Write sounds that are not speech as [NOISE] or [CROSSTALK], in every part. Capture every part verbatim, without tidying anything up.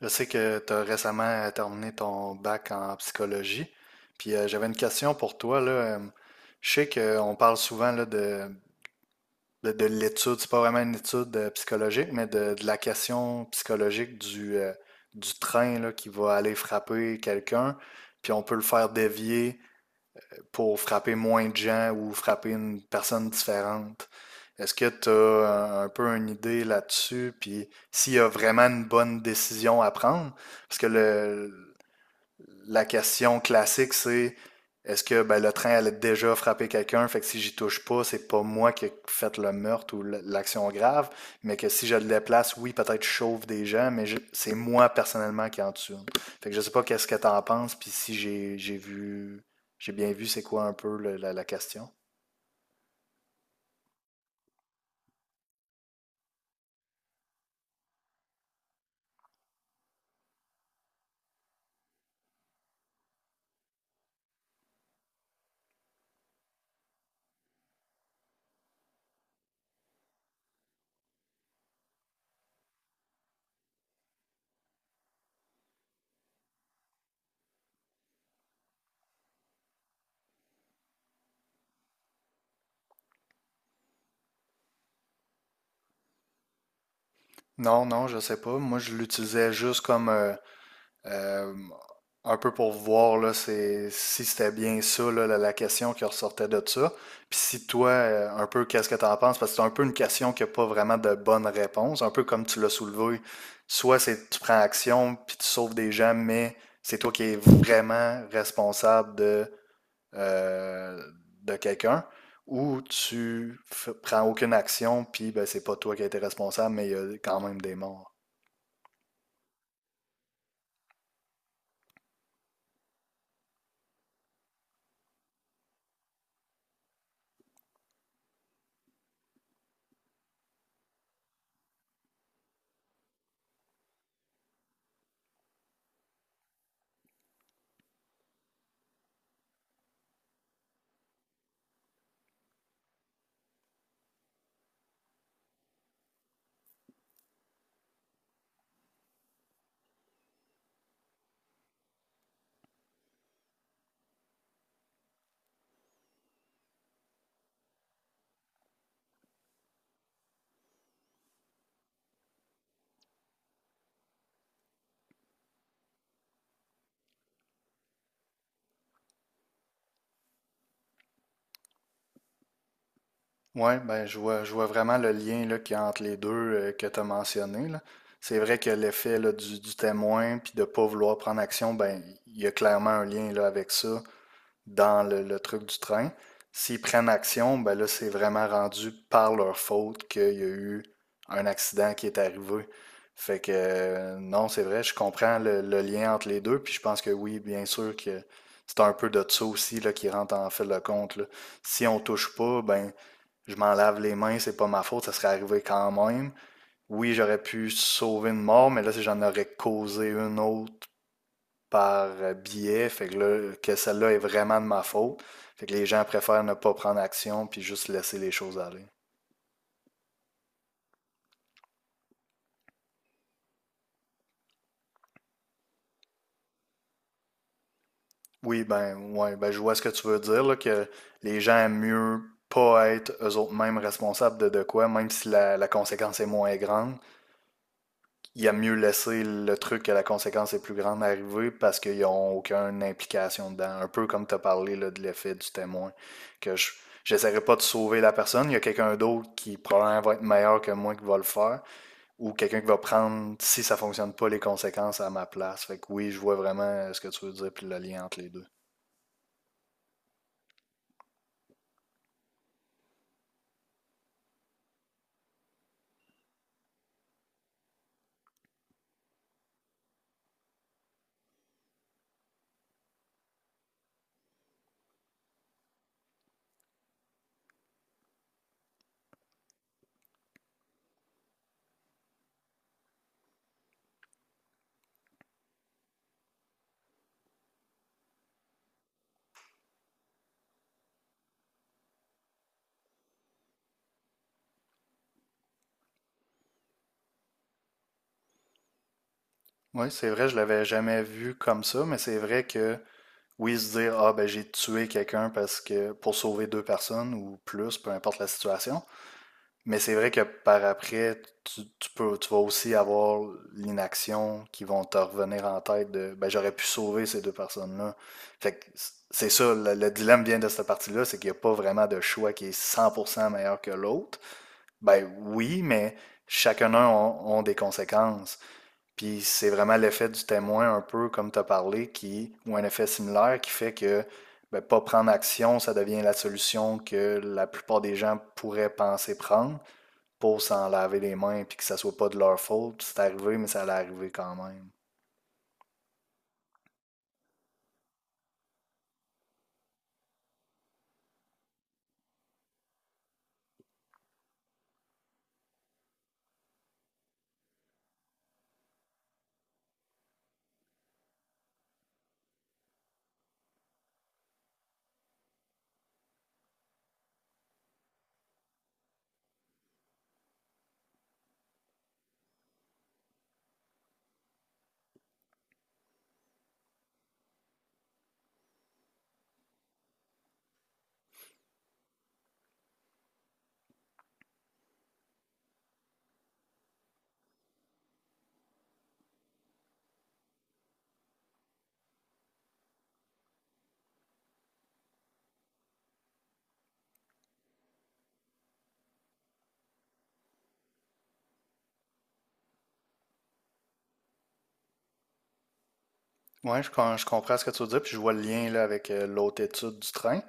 Je sais que tu as récemment terminé ton bac en psychologie. Puis euh, j'avais une question pour toi, là. Euh, Je sais qu'on parle souvent là, de, de, de l'étude, c'est pas vraiment une étude euh, psychologique, mais de, de la question psychologique du, euh, du train là, qui va aller frapper quelqu'un, puis on peut le faire dévier pour frapper moins de gens ou frapper une personne différente. Est-ce que tu as un peu une idée là-dessus? Puis s'il y a vraiment une bonne décision à prendre? Parce que le, la question classique, c'est est-ce que ben, le train allait déjà frapper quelqu'un? Fait que si j'y touche pas, c'est pas moi qui ai fait le meurtre ou l- l'action grave, mais que si je le déplace, oui, peut-être je chauffe des gens, mais je- c'est moi personnellement qui en tue un. Fait que je sais pas qu'est-ce que t'en penses, puis si j'ai j'ai vu, j'ai bien vu c'est quoi un peu le- la, la question. Non, non, je sais pas. Moi, je l'utilisais juste comme euh, euh, un peu pour voir là, c'est- si c'était bien ça, là, la, la question qui ressortait de ça. Puis si toi, euh, un peu, qu'est-ce que tu en penses? Parce que c'est un peu une question qui n'a pas vraiment de bonne réponse, un peu comme tu l'as soulevé. Soit c'est tu prends action, puis tu sauves des gens, mais c'est toi qui es vraiment responsable de, euh, de quelqu'un. Ou tu f- prends aucune action, puis ben, c'est pas toi qui as été responsable, mais il y a quand même des morts. Ouais, ben je vois, je vois vraiment le lien là, qu'il y a entre les deux euh, que tu as mentionné, là. C'est vrai que l'effet là, du, du témoin puis de ne pas vouloir prendre action, ben il y a clairement un lien là, avec ça, dans le, le truc du train. S'ils prennent action, ben là, c'est vraiment rendu par leur faute qu'il y a eu un accident qui est arrivé. Fait que euh, non, c'est vrai, je comprends le, le lien entre les deux, puis je pense que oui, bien sûr que c'est un peu de ça aussi là, qui rentre en fil de compte, là. Si on touche pas, ben je m'en lave les mains, c'est pas ma faute, ça serait arrivé quand même. Oui, j'aurais pu sauver une mort, mais là, si j'en aurais causé une autre par biais, fait que là, que celle-là est vraiment de ma faute. Fait que les gens préfèrent ne pas prendre action puis juste laisser les choses aller. Oui, ben, ouais, ben, je vois ce que tu veux dire, là, que les gens aiment mieux pas être eux autres mêmes responsables de de quoi, même si la, la conséquence est moins grande. Il y a mieux laisser le truc que la conséquence est plus grande arriver parce qu'ils n'ont aucune implication dedans. Un peu comme tu as parlé là, de l'effet du témoin. Que je j'essaierai pas de sauver la personne. Il y a quelqu'un d'autre qui probablement va être meilleur que moi qui va le faire, ou quelqu'un qui va prendre, si ça fonctionne pas, les conséquences à ma place. Fait que oui, je vois vraiment ce que tu veux dire, puis le lien entre les deux. Oui, c'est vrai, je l'avais jamais vu comme ça, mais c'est vrai que oui, se dire: «Ah ben j'ai tué quelqu'un», parce que pour sauver deux personnes ou plus, peu importe la situation. Mais c'est vrai que par après, tu, tu peux, tu vas aussi avoir l'inaction qui vont te revenir en tête de ben j'aurais pu sauver ces deux personnes-là. Fait que c'est ça, le, le dilemme vient de cette partie-là, c'est qu'il n'y a pas vraiment de choix qui est cent pour cent meilleur que l'autre. Ben oui, mais chacun d'eux ont, ont des conséquences. Puis c'est vraiment l'effet du témoin, un peu comme tu as parlé, qui, ou un effet similaire qui fait que ben, pas prendre action, ça devient la solution que la plupart des gens pourraient penser prendre pour s'en laver les mains puis que ça soit pas de leur faute. C'est arrivé, mais ça allait arriver quand même. Ouais, je, je comprends ce que tu veux dire, puis je vois le lien là, avec euh, l'autre étude du train.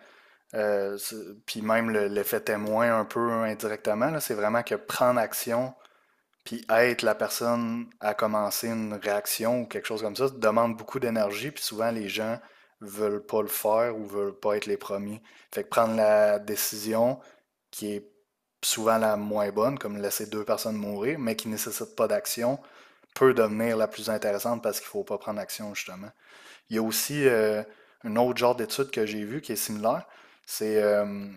Euh, puis même le- l'effet témoin un peu indirectement, là, c'est vraiment que prendre action, puis être la personne à commencer une réaction ou quelque chose comme ça, ça demande beaucoup d'énergie, puis souvent les gens veulent pas le faire ou veulent pas être les premiers. Fait que prendre la décision qui est souvent la moins bonne, comme laisser deux personnes mourir, mais qui ne nécessite pas d'action, peut devenir la plus intéressante parce qu'il faut pas prendre action, justement. Il y a aussi euh, un autre genre d'étude que j'ai vu qui est similaire. C'est euh, une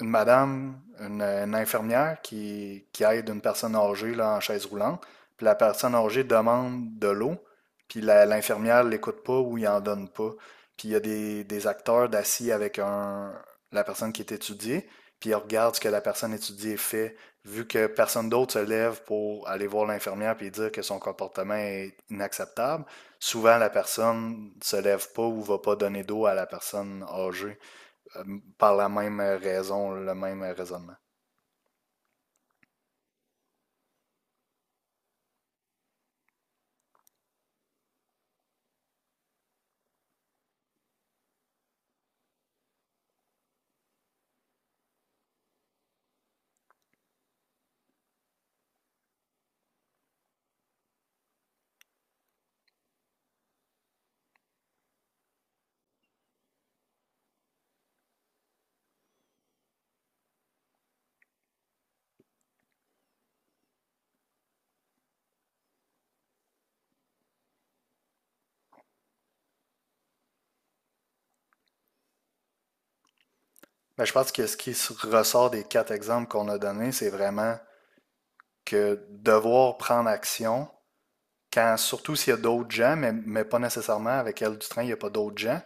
madame, une, une infirmière qui, qui aide une personne âgée là, en chaise roulante. Puis la personne âgée demande de l'eau, puis la- l'infirmière l'écoute pas ou il en donne pas. Puis il y a des, des acteurs d'assis avec un, la personne qui est étudiée, puis ils regardent ce que la personne étudiée fait, vu que personne d'autre se lève pour aller voir l'infirmière puis dire que son comportement est inacceptable. Souvent, la personne ne se lève pas ou ne va pas donner d'eau à la personne âgée euh, par la même raison, le même raisonnement. Mais je pense que ce qui ressort des quatre exemples qu'on a donnés, c'est vraiment que devoir prendre action, quand, surtout s'il y a d'autres gens, mais, mais pas nécessairement avec elle du train, il n'y a pas d'autres gens.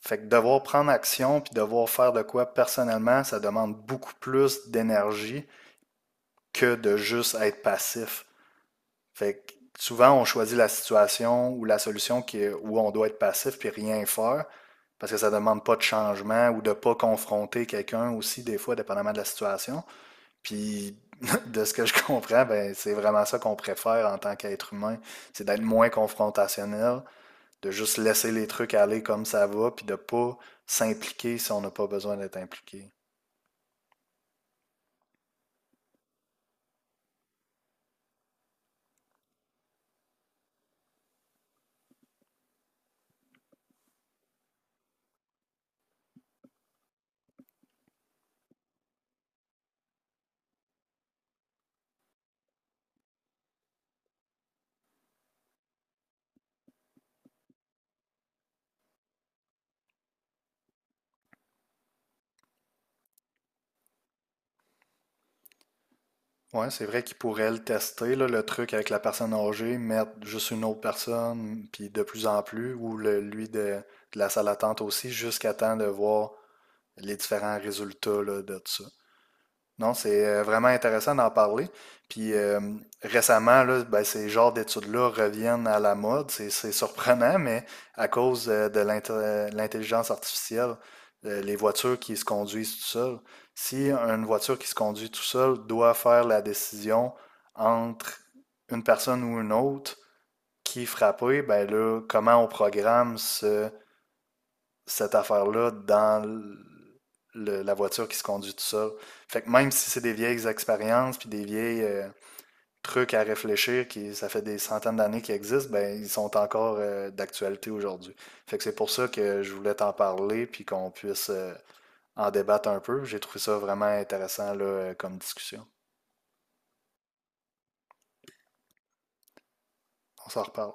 Fait que devoir prendre action puis devoir faire de quoi personnellement, ça demande beaucoup plus d'énergie que de juste être passif. Fait que souvent, on choisit la situation ou la solution qui est- où on doit être passif puis rien faire parce que ça demande pas de changement ou de pas confronter quelqu'un aussi, des fois, dépendamment de la situation. Puis, [LAUGHS] de ce que je comprends, ben, c'est vraiment ça qu'on préfère en tant qu'être humain, c'est d'être moins confrontationnel, de juste laisser les trucs aller comme ça va, puis de pas s'impliquer si on n'a pas besoin d'être impliqué. Ouais, c'est vrai qu'ils pourraient le tester, là, le truc avec la personne âgée, mettre juste une autre personne, puis de plus en plus, ou le, lui de, de la salle d'attente aussi, jusqu'à temps de voir les différents résultats là, de ça. Non, c'est euh, vraiment intéressant d'en parler. Puis euh, récemment, là, ben, ces genres d'études-là reviennent à la mode. C'est c'est surprenant, mais à cause euh, de l'inté- euh, l'intelligence artificielle, euh, les voitures qui se conduisent tout seules, si une voiture qui se conduit tout seule doit faire la décision entre une personne ou une autre qui frapper, ben là, comment on programme ce, cette affaire-là dans le- la voiture qui se conduit tout seul. Fait que même si c'est des vieilles expériences puis des vieilles euh, trucs à réfléchir qui ça fait des centaines d'années qu'ils existent, ben ils sont encore euh, d'actualité aujourd'hui. Fait que c'est pour ça que je voulais t'en parler puis qu'on puisse euh, en débattre un peu. J'ai trouvé ça vraiment intéressant là, euh, comme discussion. On s'en reparle.